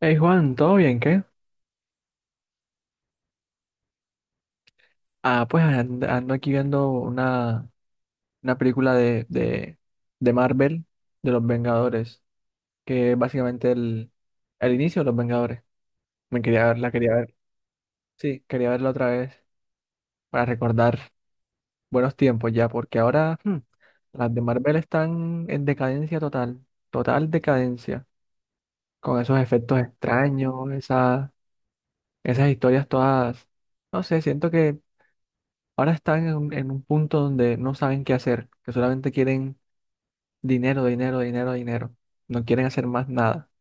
Hey Juan, ¿todo bien? ¿Qué? Ando aquí viendo una película de Marvel, de los Vengadores, que es básicamente el inicio de los Vengadores. Me quería ver la quería ver. Sí, quería verla otra vez para recordar buenos tiempos ya, porque ahora las de Marvel están en decadencia total, total decadencia, con esos efectos extraños, esas historias todas, no sé, siento que ahora están en un punto donde no saben qué hacer, que solamente quieren dinero, dinero, dinero, dinero. No quieren hacer más nada.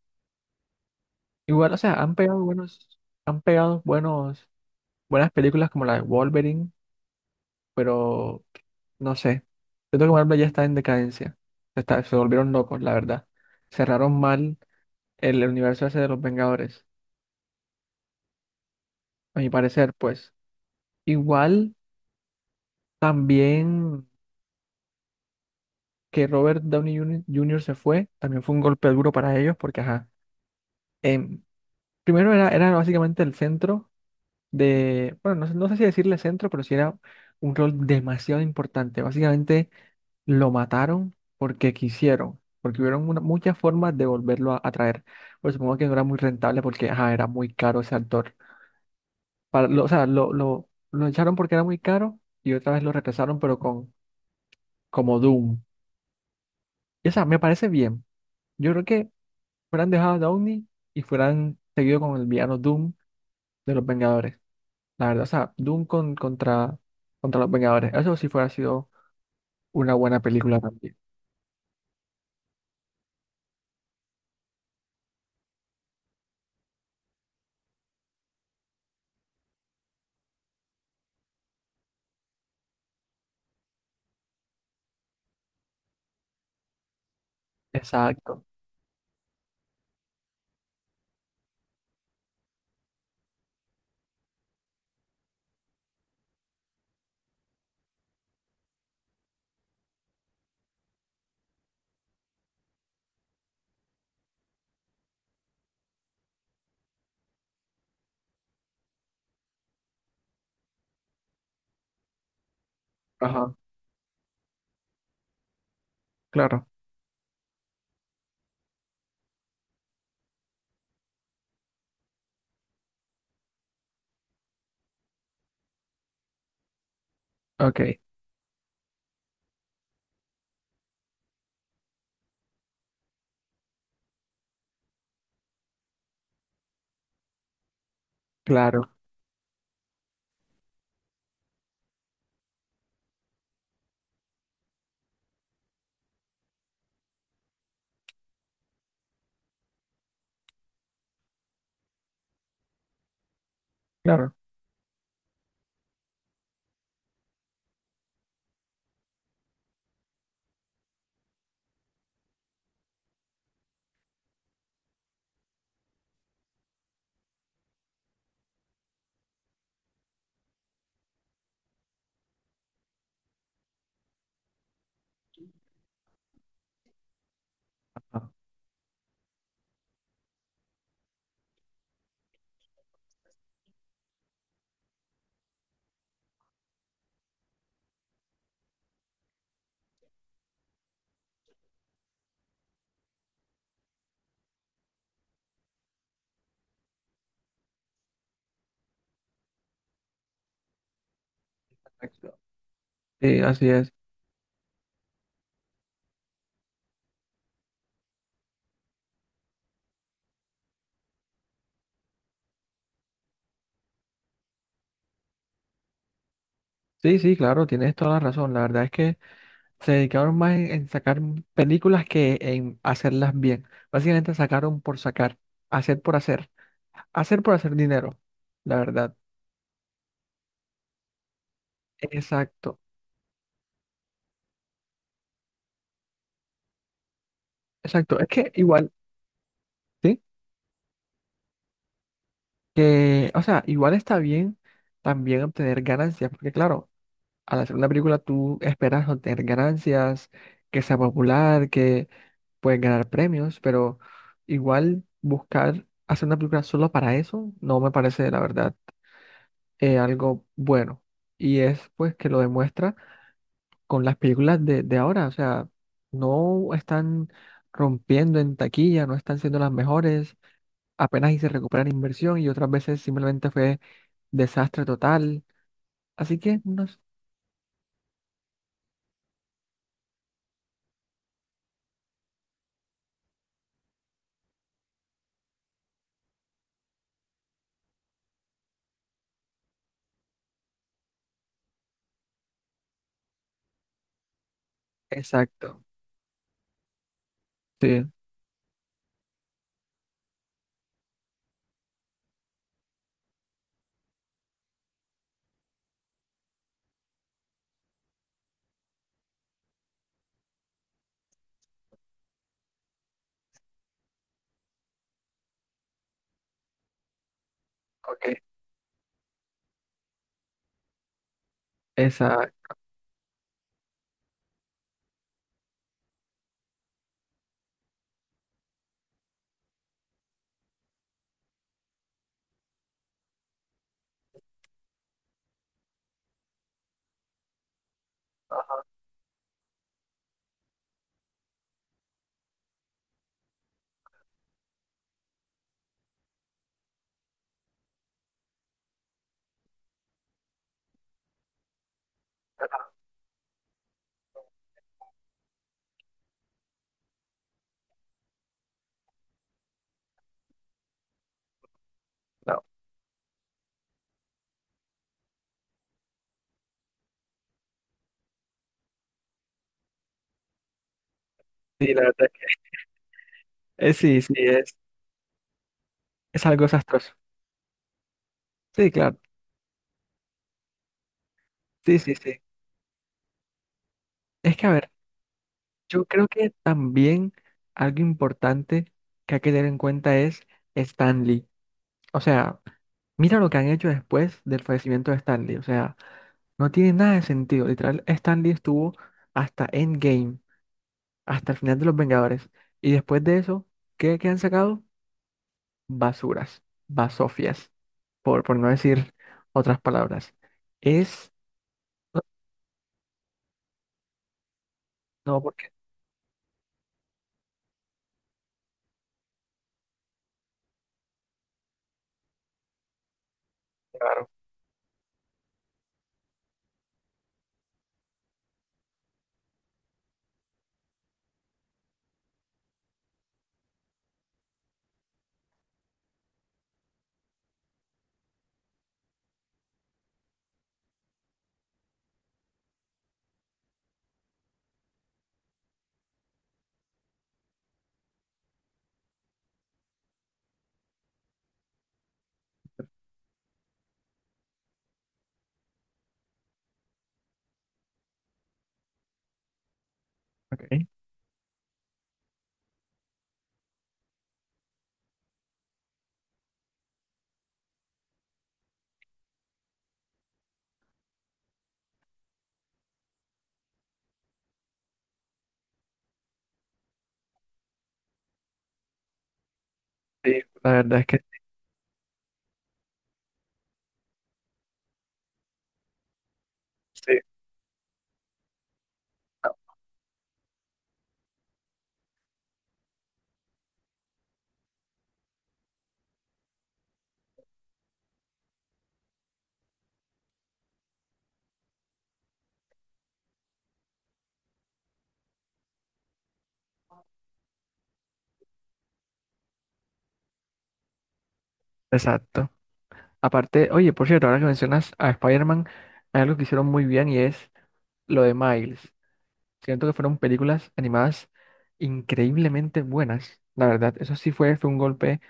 Igual, o sea, han pegado buenos, han pegado buenos, buenas películas como la de Wolverine, pero no sé. Siento que Marvel ya está en decadencia. Se volvieron locos, la verdad. Cerraron mal el universo ese de los Vengadores, a mi parecer, pues. Igual también que Robert Downey Jr. Se fue, también fue un golpe duro para ellos, porque ajá. em, Primero era básicamente el centro de, bueno, no, sé no sé si decirle centro, pero sí era un rol demasiado importante. Básicamente lo mataron porque quisieron, porque hubieron muchas formas de volverlo a traer. Pero supongo que no era muy rentable porque ajá, era muy caro ese actor. O sea, lo echaron porque era muy caro y otra vez lo regresaron, pero con como Doom. Y, o sea, me parece bien. Yo creo que fueran dejado a Downey y fueran seguido con el villano Doom de los Vengadores. La verdad, o sea, Doom contra, contra los Vengadores. Eso sí fuera sido una buena película también. Exacto. Ajá, claro. Ok, claro, claro. Ah, exacto. Sí, así es. Sí, sí, claro, tienes toda la razón. La verdad es que se dedicaron más en sacar películas que en hacerlas bien. Básicamente sacaron por sacar, hacer por hacer, hacer por hacer dinero. La verdad. Exacto, exacto. Es que igual, sí, que, o sea, igual está bien también obtener ganancias, porque claro. Al hacer una película tú esperas obtener ganancias, que sea popular, que puedes ganar premios, pero igual buscar hacer una película solo para eso no me parece, la verdad, algo bueno. Y es pues que lo demuestra con las películas de ahora, o sea, no están rompiendo en taquilla, no están siendo las mejores, apenas y se recuperan inversión y otras veces simplemente fue desastre total. Así que no es- Exacto, sí, ok, exacto. Sí, la verdad. Sí, sí, es algo desastroso. Sí, claro. Sí, sí, sí. Es que, a ver, yo creo que también algo importante que hay que tener en cuenta es Stanley. O sea, mira lo que han hecho después del fallecimiento de Stanley. O sea, no tiene nada de sentido. Literal, Stanley estuvo hasta Endgame, hasta el final de Los Vengadores. Y después de eso, ¿qué han sacado? Basuras, basofias, por no decir otras palabras. Es... No, no, porque... Ok. Sí, la verdad es que sí, no, exacto. Aparte, oye, por cierto, ahora que mencionas a Spider-Man, hay algo que hicieron muy bien y es lo de Miles. Siento que fueron películas animadas increíblemente buenas. La verdad, eso sí fue un golpe.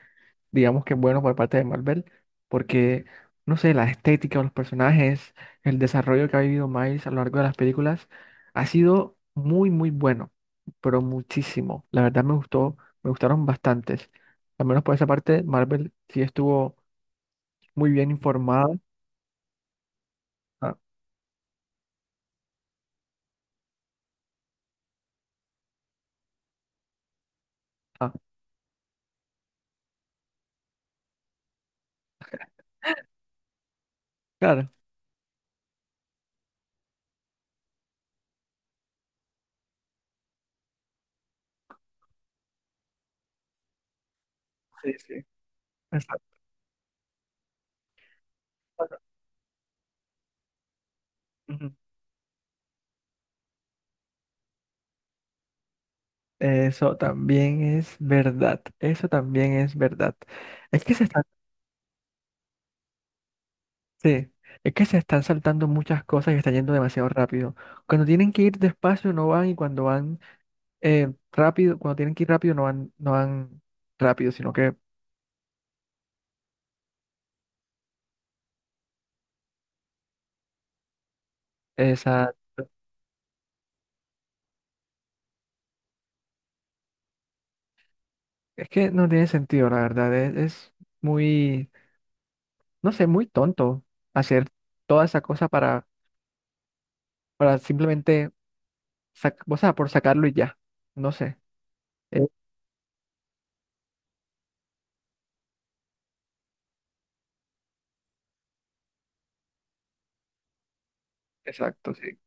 Digamos que bueno por parte de Marvel, porque, no sé, la estética de los personajes, el desarrollo que ha vivido Miles a lo largo de las películas, ha sido muy, muy bueno, pero muchísimo. La verdad me gustó, me gustaron bastantes. Al menos por esa parte, Marvel sí estuvo muy bien informada. Ah, claro, sí, sí. Exacto. Ujú. Eso también es verdad, eso también es verdad. Es que se están Sí, es que se están saltando muchas cosas y está yendo demasiado rápido. Cuando tienen que ir despacio no van y cuando van cuando tienen que ir rápido no van, rápido, sino que esa, es que no tiene sentido, la verdad. Es muy, no sé, muy tonto hacer toda esa cosa para simplemente, o sea, por sacarlo y ya. No sé. Eh, exacto, sí.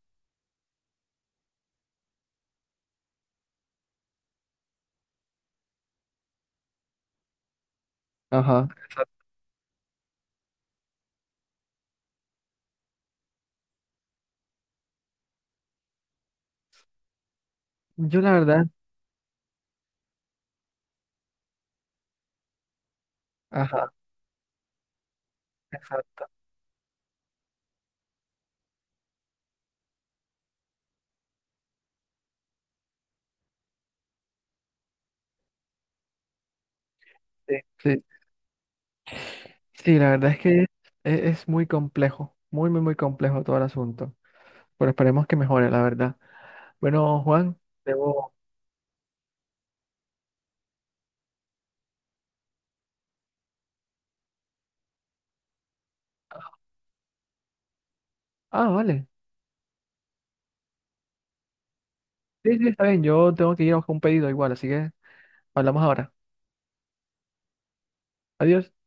Ajá. Exacto. Yo la verdad, ajá, exacto. Sí, sí. Sí, la verdad es que es muy complejo, muy, muy, muy complejo todo el asunto. Pero esperemos que mejore, la verdad. Bueno, Juan, debo... Ah, vale. Sí, sí, está bien. Yo tengo que ir a buscar un pedido igual, así que hablamos ahora. Adiós.